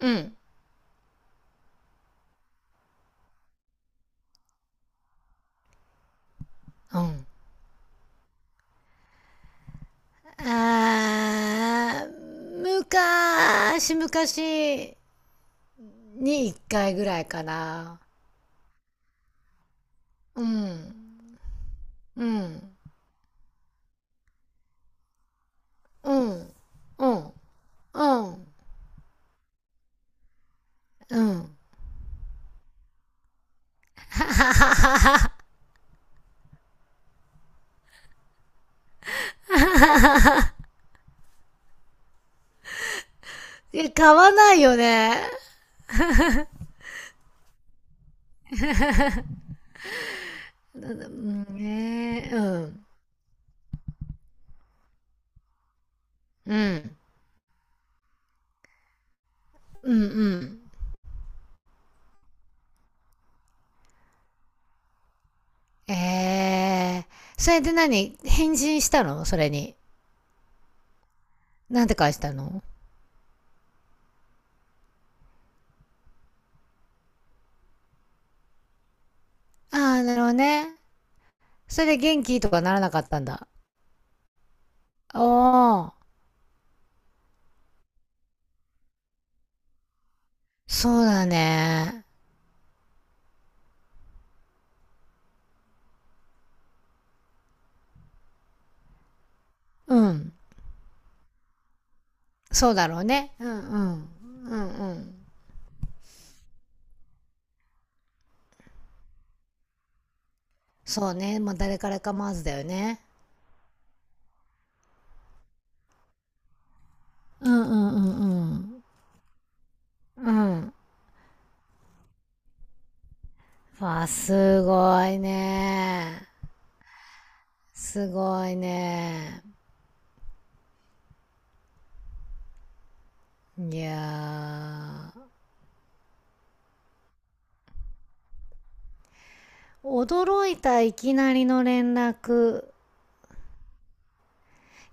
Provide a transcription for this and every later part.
うん。うん。あー、昔昔に一回ぐらいかな。うん。うん。うん。うん。うん。うん。え、買わないよね。うん、ね、うん。うん。うん、うん。えー。それで何返信したの、それに？なんて返したの？ああー、なるほどね。それで元気とかならなかったんだ。おー。そうだね。うん。そうだろうね。うんうん。うんうん。そうね。まあ、誰から構わずだよね。うんうんうんうん。うん。わあ、すごいね。すごいね。いやー。驚いたいきなりの連絡？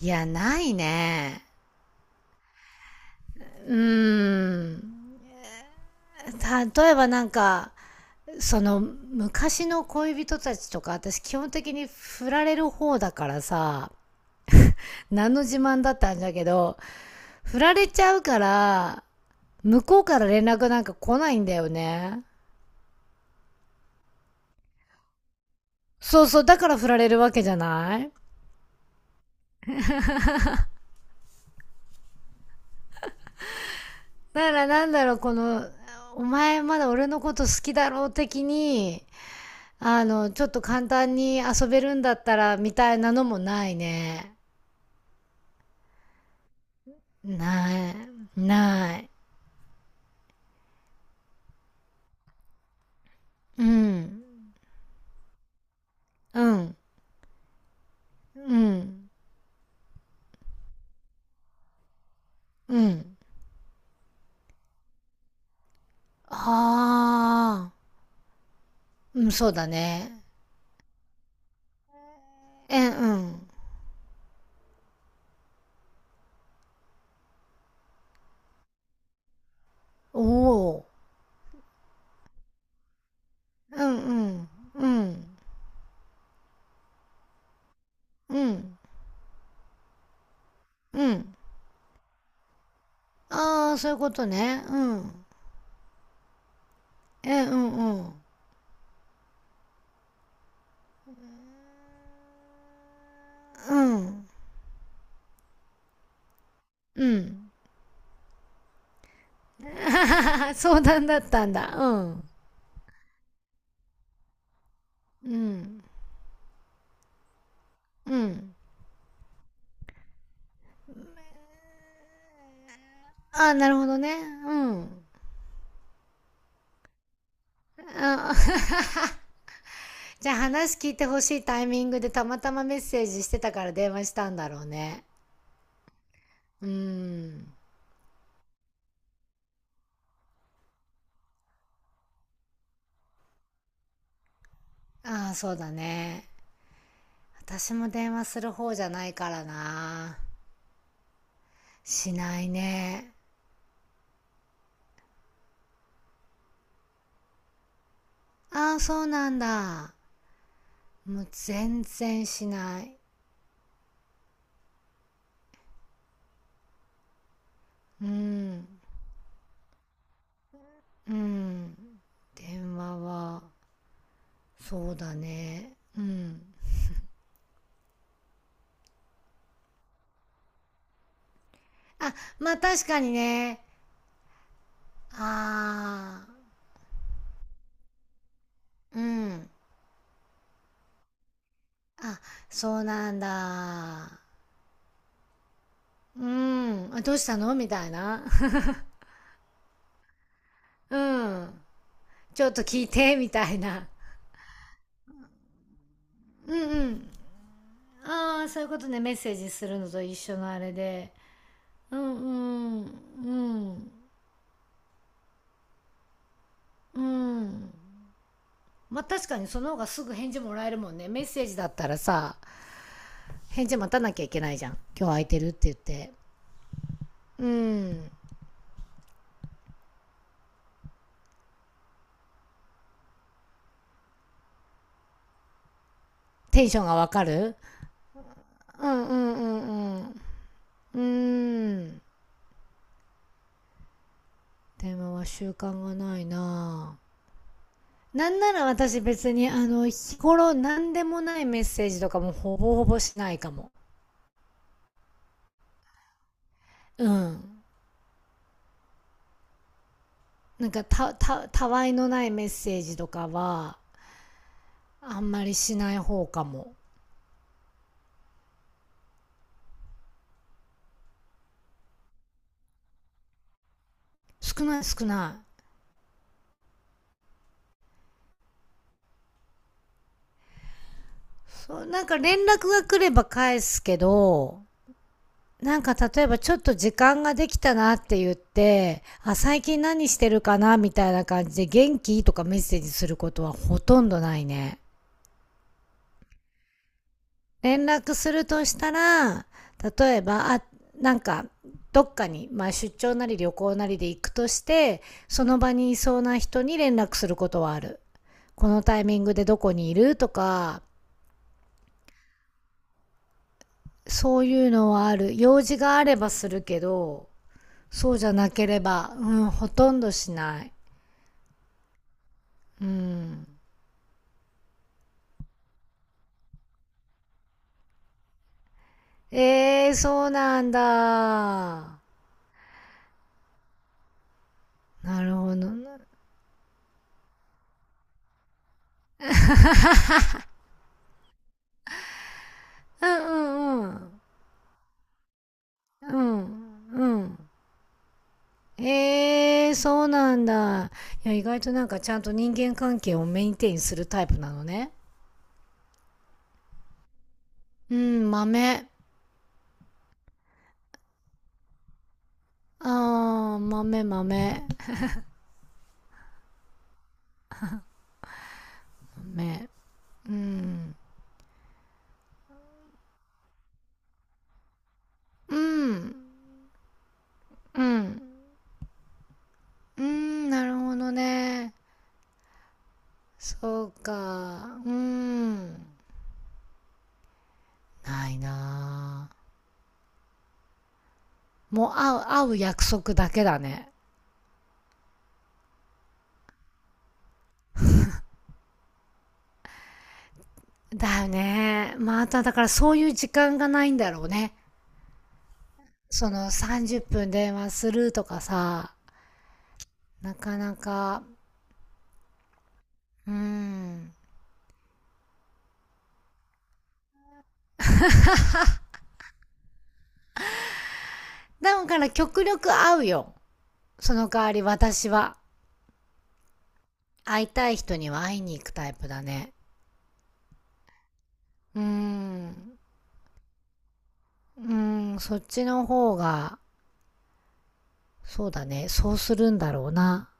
いや、ないね。うーん。例えばなんか、その昔の恋人たちとか、私基本的に振られる方だからさ。何の自慢だったんだけど、振られちゃうから、向こうから連絡なんか来ないんだよね。そうそう、だから振られるわけじゃない。だからなんだろう、この、お前まだ俺のこと好きだろう的に、ちょっと簡単に遊べるんだったら、みたいなのもないね。ない、ない。うんうんうんうん。ああ、うん、そうだね。え、うん。おお。うんうんうん。うん。うん。ああー、そういうことね。うん。え、うんうん。うん。うん。あはは、相談だったんだ。うん。うん。うん。ああー、なるほどね。うん。あ、じゃあ、話聞いてほしいタイミングでたまたまメッセージしてたから電話したんだろうね。うん。ああー、そうだね。私も電話する方じゃないからな。しないね。ああ、そうなんだ。もう全然しない。うん。うん。電話は、そうだね。うん。あ、まあ確かにね。ああ、うん。あ、そうなんだ。うん。あ、どうしたの、みたいな。うん。ちょっと聞いて、みたいな。うんうん。ああ、そういうことね、メッセージするのと一緒のあれで。うんうん、うん、うん。まあ確かにその方がすぐ返事もらえるもんね。メッセージだったらさ、返事待たなきゃいけないじゃん。今日空いてるって言って。うん。テンションがわかる。うんうんうんうん。うーん。電話は習慣がないなぁ。なんなら私別に日頃何でもないメッセージとかもほぼほぼしないかも。うん。なんかたわいのないメッセージとかはあんまりしない方かも。少ない、少ない。そう、なんか連絡が来れば返すけど、なんか例えば、ちょっと時間ができたなって言って、あ、最近何してるかな、みたいな感じで、元気とかメッセージすることはほとんどないね。連絡するとしたら、例えば、あ、なんか、どっかに、まあ出張なり旅行なりで行くとして、その場にいそうな人に連絡することはある。このタイミングでどこにいるとか、そういうのはある。用事があればするけど、そうじゃなければ、うん、ほとんどしない。うん。えー、そうなんだ。なるほどな。うんうんうん。うんうん。ええ、そうなんだ。いや、意外となんかちゃんと人間関係をメインテインするタイプなのね。うん、豆。ああ、豆、豆。豆。うん。うん。うん。うん、なるほどね。そうか。うん。ないなあ。もう会う約束だけだね。だよね。まただからそういう時間がないんだろうね。その30分電話するとかさ。なかなか、うーん。だから極力会うよ。その代わり私は。会いたい人には会いに行くタイプだね。うーん。うーん、そっちの方が、そうだね。そうするんだろうな。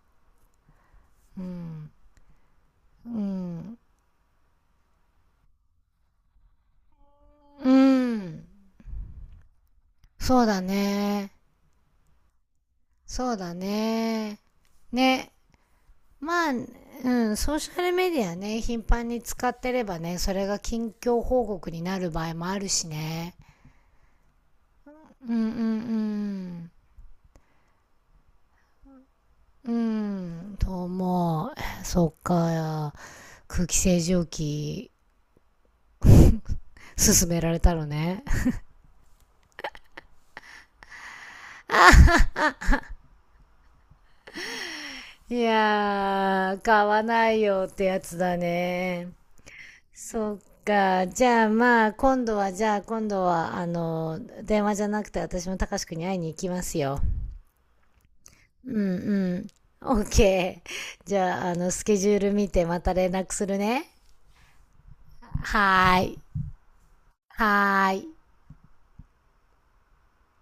うん。うん。うん。そうだね。そうだね。ね。まあ、うん、ソーシャルメディアね、頻繁に使ってればね、それが近況報告になる場合もあるしね。うんうんうん。うん、と思う。そっか、空気清浄機、勧められたのね。いやー、買わないよってやつだね。そっか、じゃあまあ、今度は、じゃあ今度は、電話じゃなくて私も高志くんに会いに行きますよ。うんうん。オッケー。じゃあ、スケジュール見てまた連絡するね。はーい。はーい。